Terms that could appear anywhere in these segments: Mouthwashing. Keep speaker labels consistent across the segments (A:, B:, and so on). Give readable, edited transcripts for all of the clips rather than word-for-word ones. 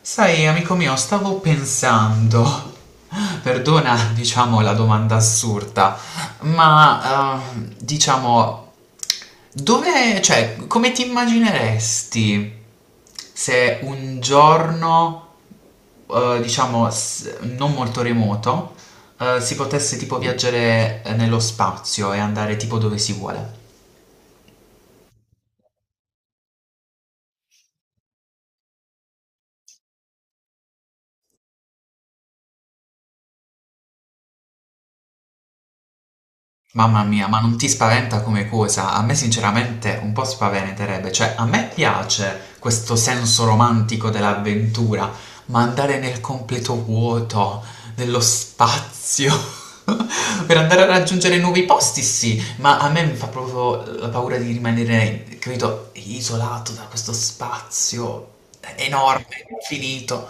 A: Sai, amico mio, stavo pensando, perdona, diciamo, la domanda assurda, ma diciamo, dove, cioè, come ti immagineresti se un giorno, diciamo, non molto remoto, si potesse tipo viaggiare nello spazio e andare tipo dove si vuole? Mamma mia, ma non ti spaventa come cosa? A me sinceramente un po' spaventerebbe, cioè a me piace questo senso romantico dell'avventura, ma andare nel completo vuoto, nello spazio, per andare a raggiungere nuovi posti, sì, ma a me mi fa proprio la paura di rimanere, capito, isolato da questo spazio enorme, infinito.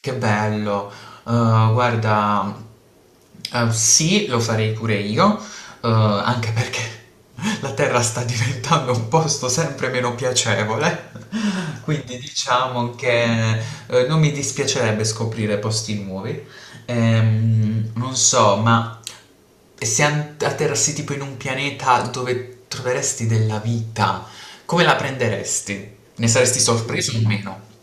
A: Che bello. Guarda, sì, lo farei pure io, anche perché la Terra sta diventando un posto sempre meno piacevole, quindi diciamo che non mi dispiacerebbe scoprire posti nuovi. Non so, ma se atterrassi tipo in un pianeta dove troveresti della vita, come la prenderesti? Ne saresti sorpreso o meno?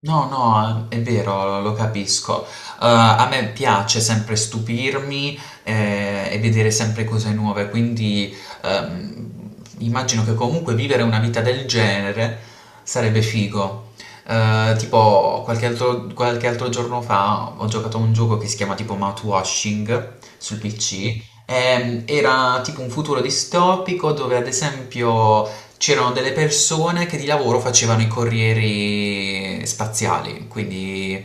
A: No, no, è vero, lo capisco. A me piace sempre stupirmi e vedere sempre cose nuove, quindi ehm, immagino che comunque vivere una vita del genere sarebbe figo. Tipo, qualche altro giorno fa ho giocato a un gioco che si chiama tipo Mouthwashing sul PC. Era tipo un futuro distopico dove ad esempio c'erano delle persone che di lavoro facevano i corrieri spaziali, quindi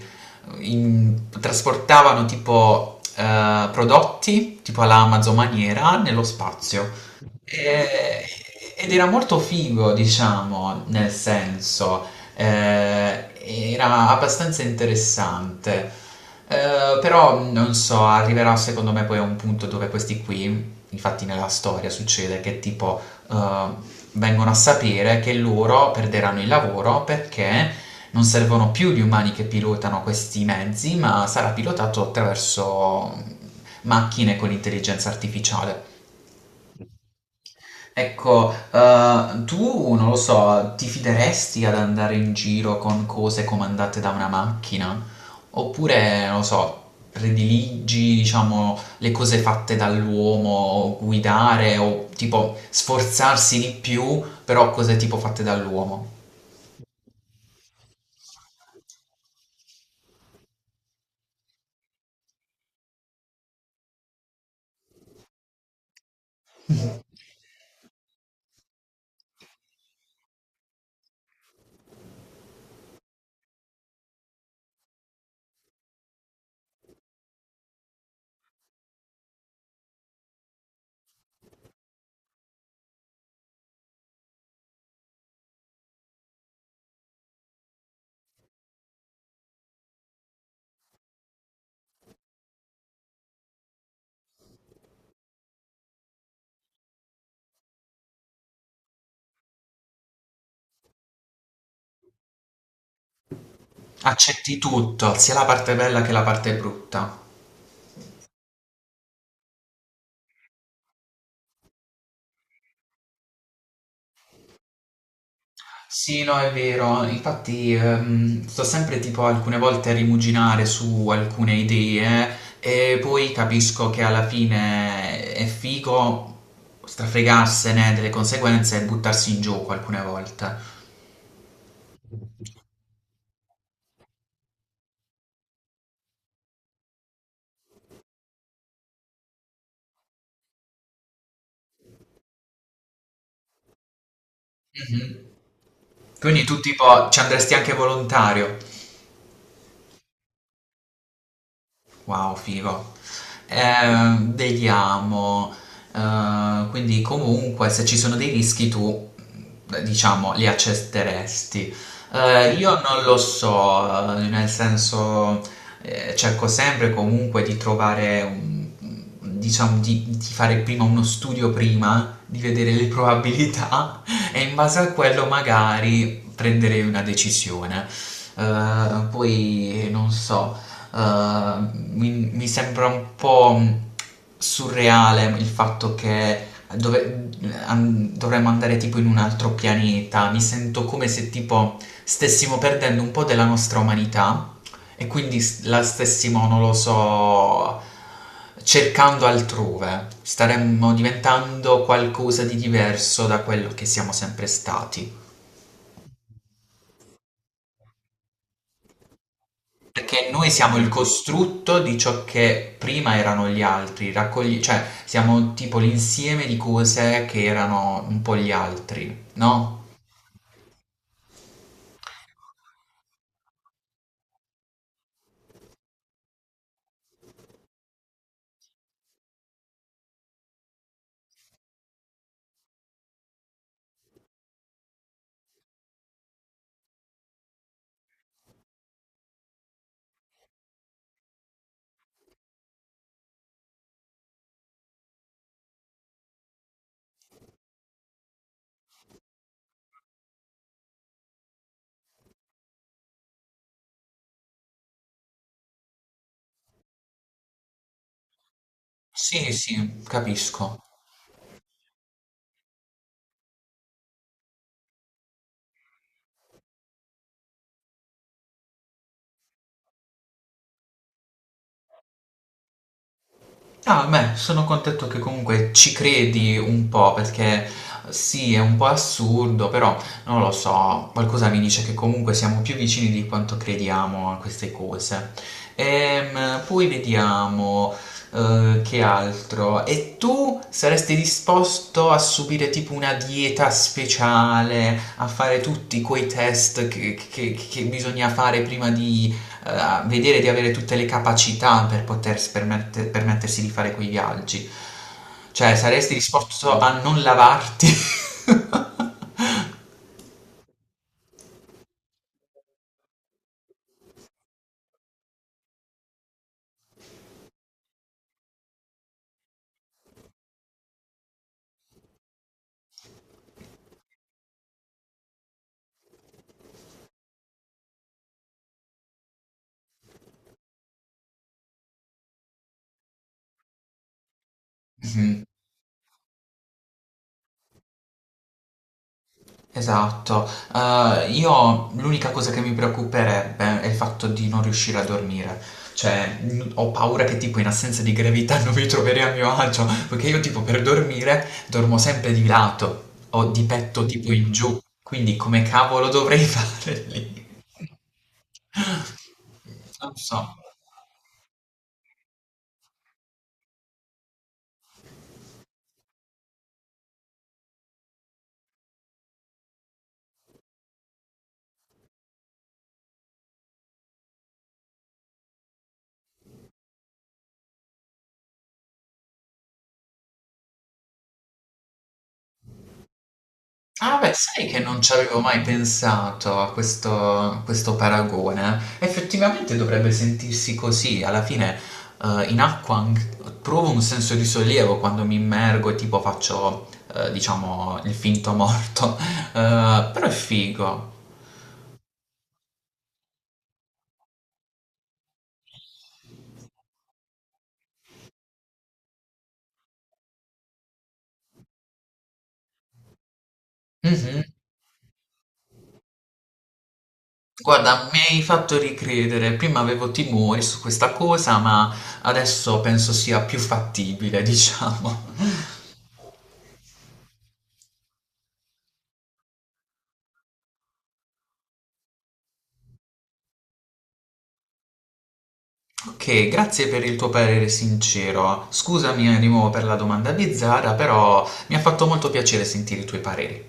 A: trasportavano tipo prodotti, tipo alla Amazon maniera, nello spazio. Eh, ed era molto figo, diciamo, nel senso, eh, era abbastanza interessante. Però non so, arriverà secondo me poi a un punto dove questi qui, infatti nella storia succede che tipo eh, vengono a sapere che loro perderanno il lavoro perché non servono più gli umani che pilotano questi mezzi, ma sarà pilotato attraverso macchine con intelligenza artificiale. Ecco, tu non lo so, ti fideresti ad andare in giro con cose comandate da una macchina? Oppure, non lo so, prediligi, diciamo, le cose fatte dall'uomo, guidare o tipo sforzarsi di più, però cose tipo fatte dall'uomo? Accetti tutto, sia la parte bella che la parte brutta. Sì, no, è vero. Infatti, sto sempre tipo alcune volte a rimuginare su alcune idee e poi capisco che alla fine è figo strafregarsene delle conseguenze e buttarsi in gioco alcune volte. Mhm. Quindi tu tipo ci andresti anche volontario. Wow, figo. Eh, vediamo. Quindi comunque se ci sono dei rischi tu, diciamo, li accetteresti. Io non lo so, nel senso cerco sempre comunque di trovare diciamo di fare prima uno studio prima, di vedere le probabilità e in base a quello magari prendere una decisione. Poi non so eh, mi sembra un po' surreale il fatto che dove- dovremmo andare tipo in un altro pianeta. Mi sento come se tipo stessimo perdendo un po' della nostra umanità e quindi la stessimo, non lo so, cercando altrove. Staremmo diventando qualcosa di diverso da quello che siamo sempre stati. Perché noi siamo il costrutto di ciò che prima erano gli altri, cioè siamo tipo l'insieme di cose che erano un po' gli altri, no? Sì, sì, capisco. Ah, beh, sono contento che comunque ci credi un po' perché sì, è un po' assurdo, però non lo so, qualcosa mi dice che comunque siamo più vicini di quanto crediamo a queste cose. Poi vediamo che altro. E tu saresti disposto a subire tipo una dieta speciale, a fare tutti quei test che, che bisogna fare prima di vedere di avere tutte le capacità per potersi permettersi di fare quei viaggi. Cioè, saresti disposto a non lavarti? Mhm, esatto. Io l'unica cosa che mi preoccuperebbe è il fatto di non riuscire a dormire. Cioè, ho paura che tipo in assenza di gravità non mi troverei a mio agio, perché io tipo per dormire dormo sempre di lato o di petto tipo in giù, quindi come cavolo dovrei fare lì? Non so. Ah beh, sai che non ci avevo mai pensato a questo paragone. Effettivamente dovrebbe sentirsi così. Alla fine, in acqua provo un senso di sollievo quando mi immergo e tipo faccio, diciamo, il finto morto. Però è figo. Mhm. Guarda, mi hai fatto ricredere. Prima avevo timori su questa cosa, ma adesso penso sia più fattibile, diciamo. Ok, grazie per il tuo parere sincero. Scusami di nuovo per la domanda bizzarra, però mi ha fatto molto piacere sentire i tuoi pareri.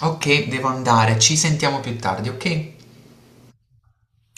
A: Ok, devo andare, ci sentiamo più tardi, ok?